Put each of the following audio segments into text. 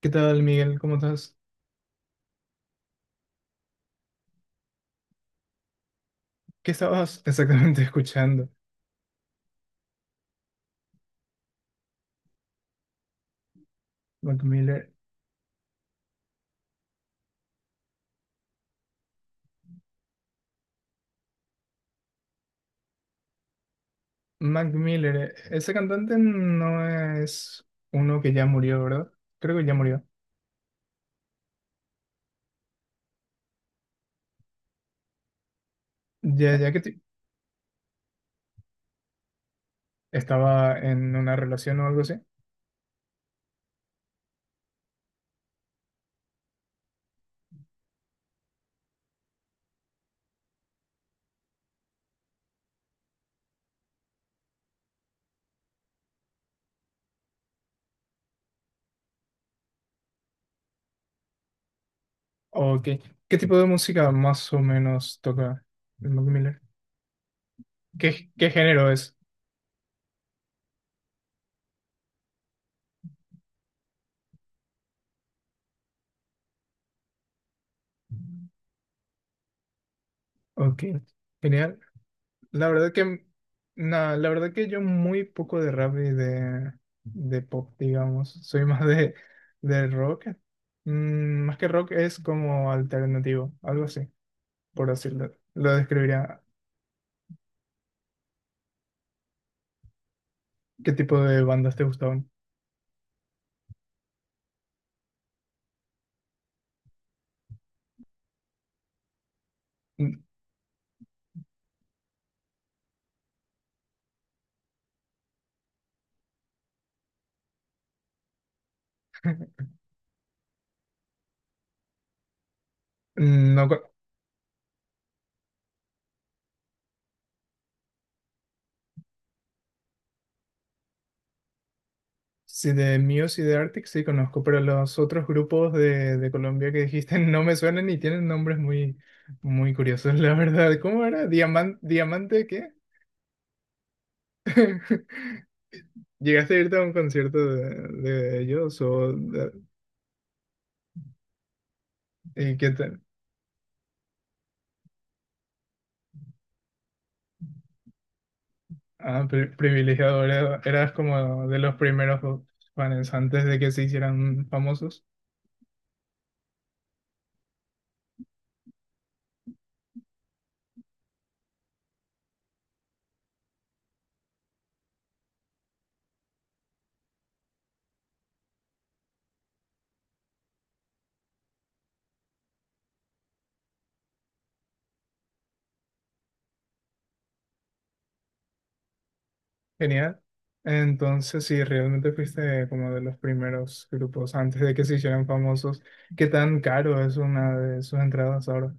¿Qué tal, Miguel? ¿Cómo estás? ¿Qué estabas exactamente escuchando? Mac Miller. Mac Miller, ese cantante no es uno que ya murió, ¿verdad? Creo que ya murió. Ya, ya, estaba en una relación o algo así. ¿O qué tipo de música más o menos toca el Mac Miller? ¿Qué género es? Ok, genial. La verdad que, no, la verdad que yo muy poco de rap y de pop, digamos. Soy más de rock. Más que rock es como alternativo, algo así, por decirlo. Lo describiría. ¿Qué tipo de bandas te gustaban? No, sí, de Muse y de Arctic sí conozco, pero los otros grupos de Colombia que dijiste no me suenan y tienen nombres muy, muy curiosos, la verdad. ¿Cómo era? ¿Diamante? ¿Diamante qué? ¿Llegaste a irte a un concierto de ellos y qué te- ah, privilegiado, eras como de los primeros fans antes de que se hicieran famosos? Genial. Entonces, si realmente fuiste como de los primeros grupos antes de que se hicieran famosos, ¿qué tan caro es una de sus entradas ahora?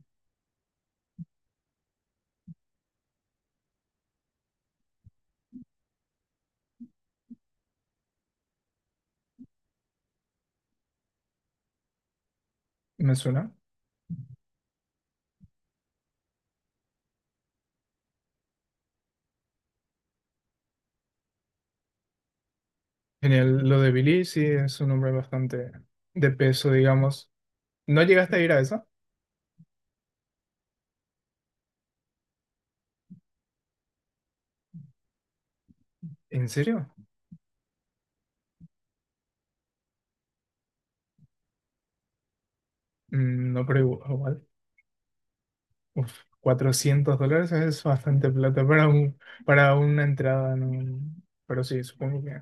¿Me suena? Genial. Lo de Billy sí es un nombre bastante de peso, digamos. ¿No llegaste a ir a esa? ¿En serio? No, pero igual. Uf, $400 es bastante plata para para una entrada, ¿no? Pero sí, supongo que.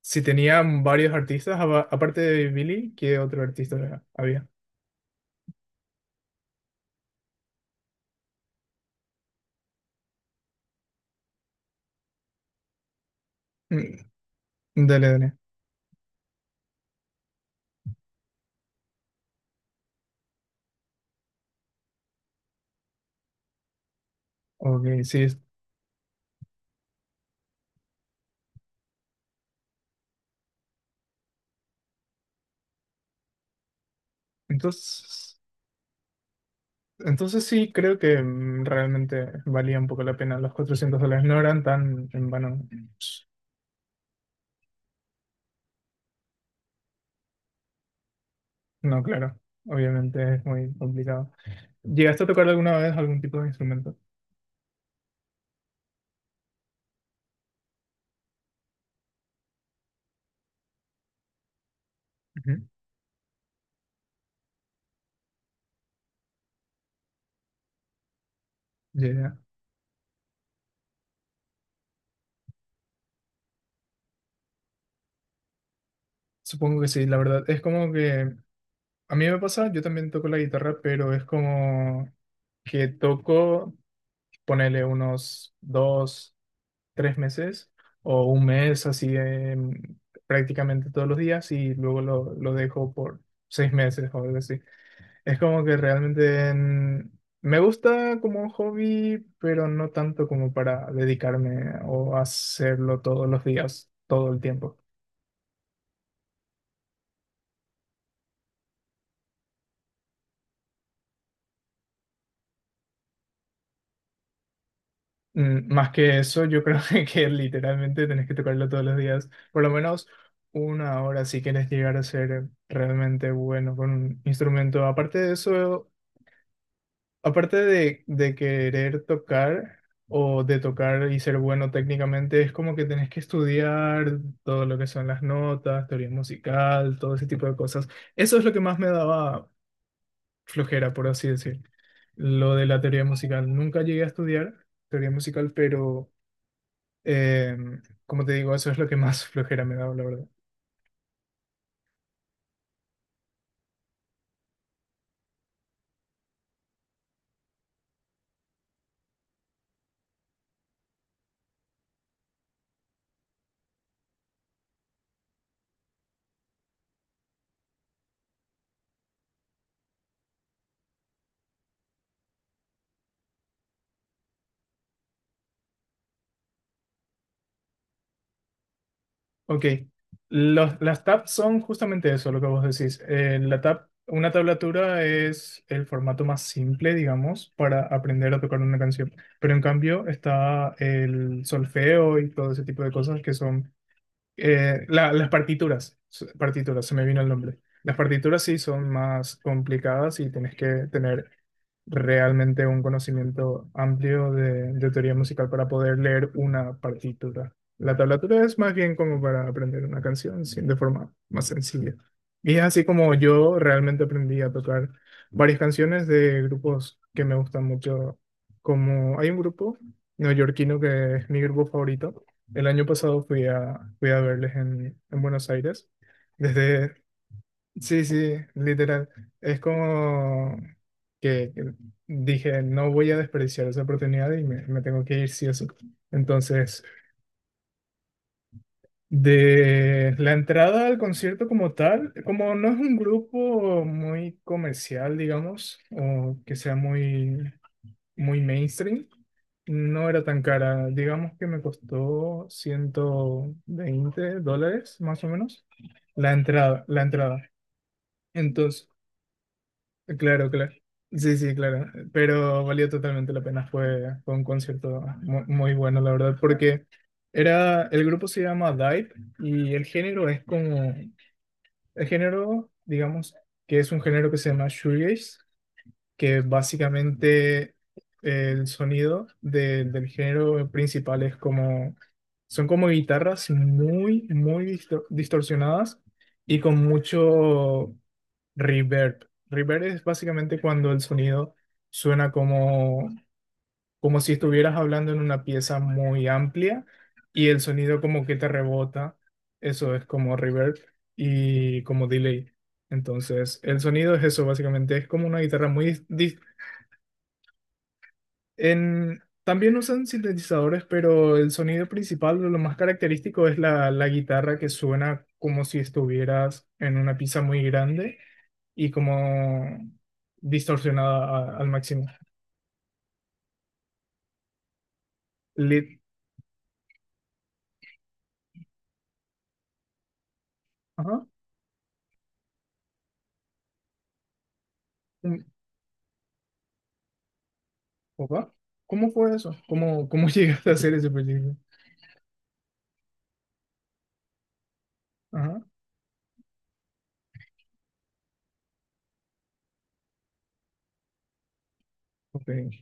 Si tenían varios artistas, aparte de Billy, ¿qué otro artista había? Mm, Dale, dale. Ok, sí. Entonces, entonces sí, creo que realmente valía un poco la pena. Los $400 no eran tan en vano. No, claro. Obviamente es muy complicado. ¿Llegaste a tocar alguna vez algún tipo de instrumento? Ujú. Ya, ya. Supongo que sí, la verdad. Es como que a mí me pasa, yo también toco la guitarra, pero es como que toco, ponele unos dos, tres meses o un mes así prácticamente todos los días y luego lo dejo por 6 meses o algo así. Es como que realmente me gusta como hobby, pero no tanto como para dedicarme o hacerlo todos los días, todo el tiempo. Más que eso, yo creo que, literalmente tenés que tocarlo todos los días, por lo menos una hora si quieres llegar a ser realmente bueno con un instrumento. Aparte de eso, aparte de querer tocar o de tocar y ser bueno técnicamente, es como que tenés que estudiar todo lo que son las notas, teoría musical, todo ese tipo de cosas. Eso es lo que más me daba flojera, por así decir. Lo de la teoría musical. Nunca llegué a estudiar teoría musical, pero. Eh, como te digo, eso es lo que más flojera me da, la verdad. Ok, las tabs son justamente eso, lo que vos decís. La tab, una tablatura es el formato más simple, digamos, para aprender a tocar una canción. Pero en cambio está el solfeo y todo ese tipo de cosas que son las partituras, partituras, se me vino el nombre. Las partituras sí son más complicadas y tienes que tener realmente un conocimiento amplio de teoría musical para poder leer una partitura. La tablatura es más bien como para aprender una canción sí, de forma más sencilla. Y es así como yo realmente aprendí a tocar varias canciones de grupos que me gustan mucho, como hay un grupo neoyorquino que es mi grupo favorito. El año pasado fui a verles en Buenos Aires. Desde, sí, sí, literal. Es como que dije, no voy a desperdiciar esa oportunidad y me tengo que ir sí o sí. Entonces, de la entrada al concierto como tal, como no es un grupo muy comercial, digamos, o que sea muy muy mainstream. No era tan cara. Digamos que me costó $120, más o menos, la entrada, la entrada. Entonces, claro, claro. Sí, sí, claro. Pero valió totalmente la pena. Fue un concierto muy, bueno, la verdad, porque el grupo se llama Dive y el género es como, el género, digamos, que es un género que se llama shoegaze que básicamente el sonido del género principal es como, son como guitarras muy, muy distorsionadas y con mucho reverb. Reverb es básicamente cuando el sonido suena como si estuvieras hablando en una pieza muy amplia y el sonido como que te rebota. Eso es como reverb y como delay. Entonces, el sonido es eso, básicamente. Es como una guitarra muy también usan sintetizadores, pero el sonido principal, lo más característico, es la guitarra que suena como si estuvieras en una pizza muy grande y como distorsionada al máximo. Lit- Ajá. Mm, opa. ¿Cómo fue eso? ¿Cómo llegaste a hacer ese proyecto? Ajá. Ok.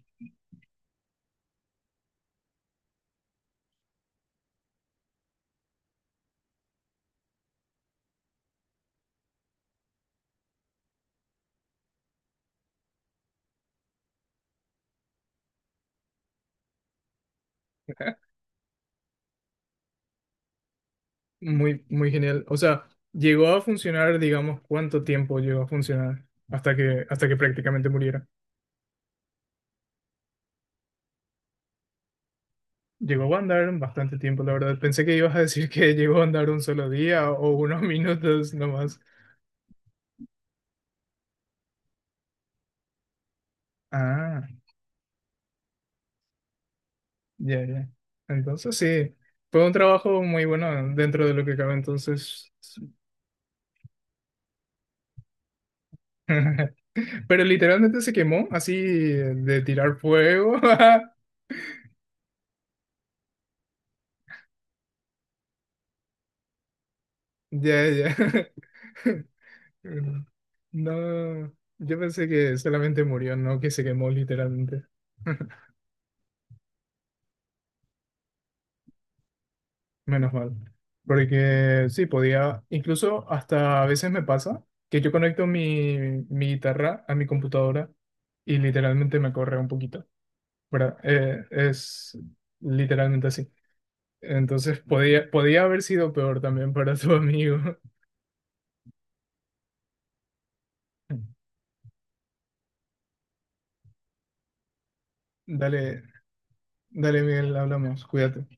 Muy, muy genial. O sea, llegó a funcionar, digamos, ¿cuánto tiempo llegó a funcionar hasta que prácticamente muriera? Llegó a andar bastante tiempo, la verdad. Pensé que ibas a decir que llegó a andar un solo día o unos minutos nomás. Ah, ya, ya. Entonces sí, fue un trabajo muy bueno dentro de lo que cabe entonces. Pero literalmente se quemó así de tirar fuego. Ya, ya. No, yo pensé que solamente murió, no que se quemó literalmente. Menos mal. Porque sí, podía, incluso hasta a veces me pasa que yo conecto mi guitarra a mi computadora y literalmente me corre un poquito, ¿verdad? Es literalmente así. Entonces podía haber sido peor también para tu amigo. Dale, dale, Miguel, hablamos, cuídate.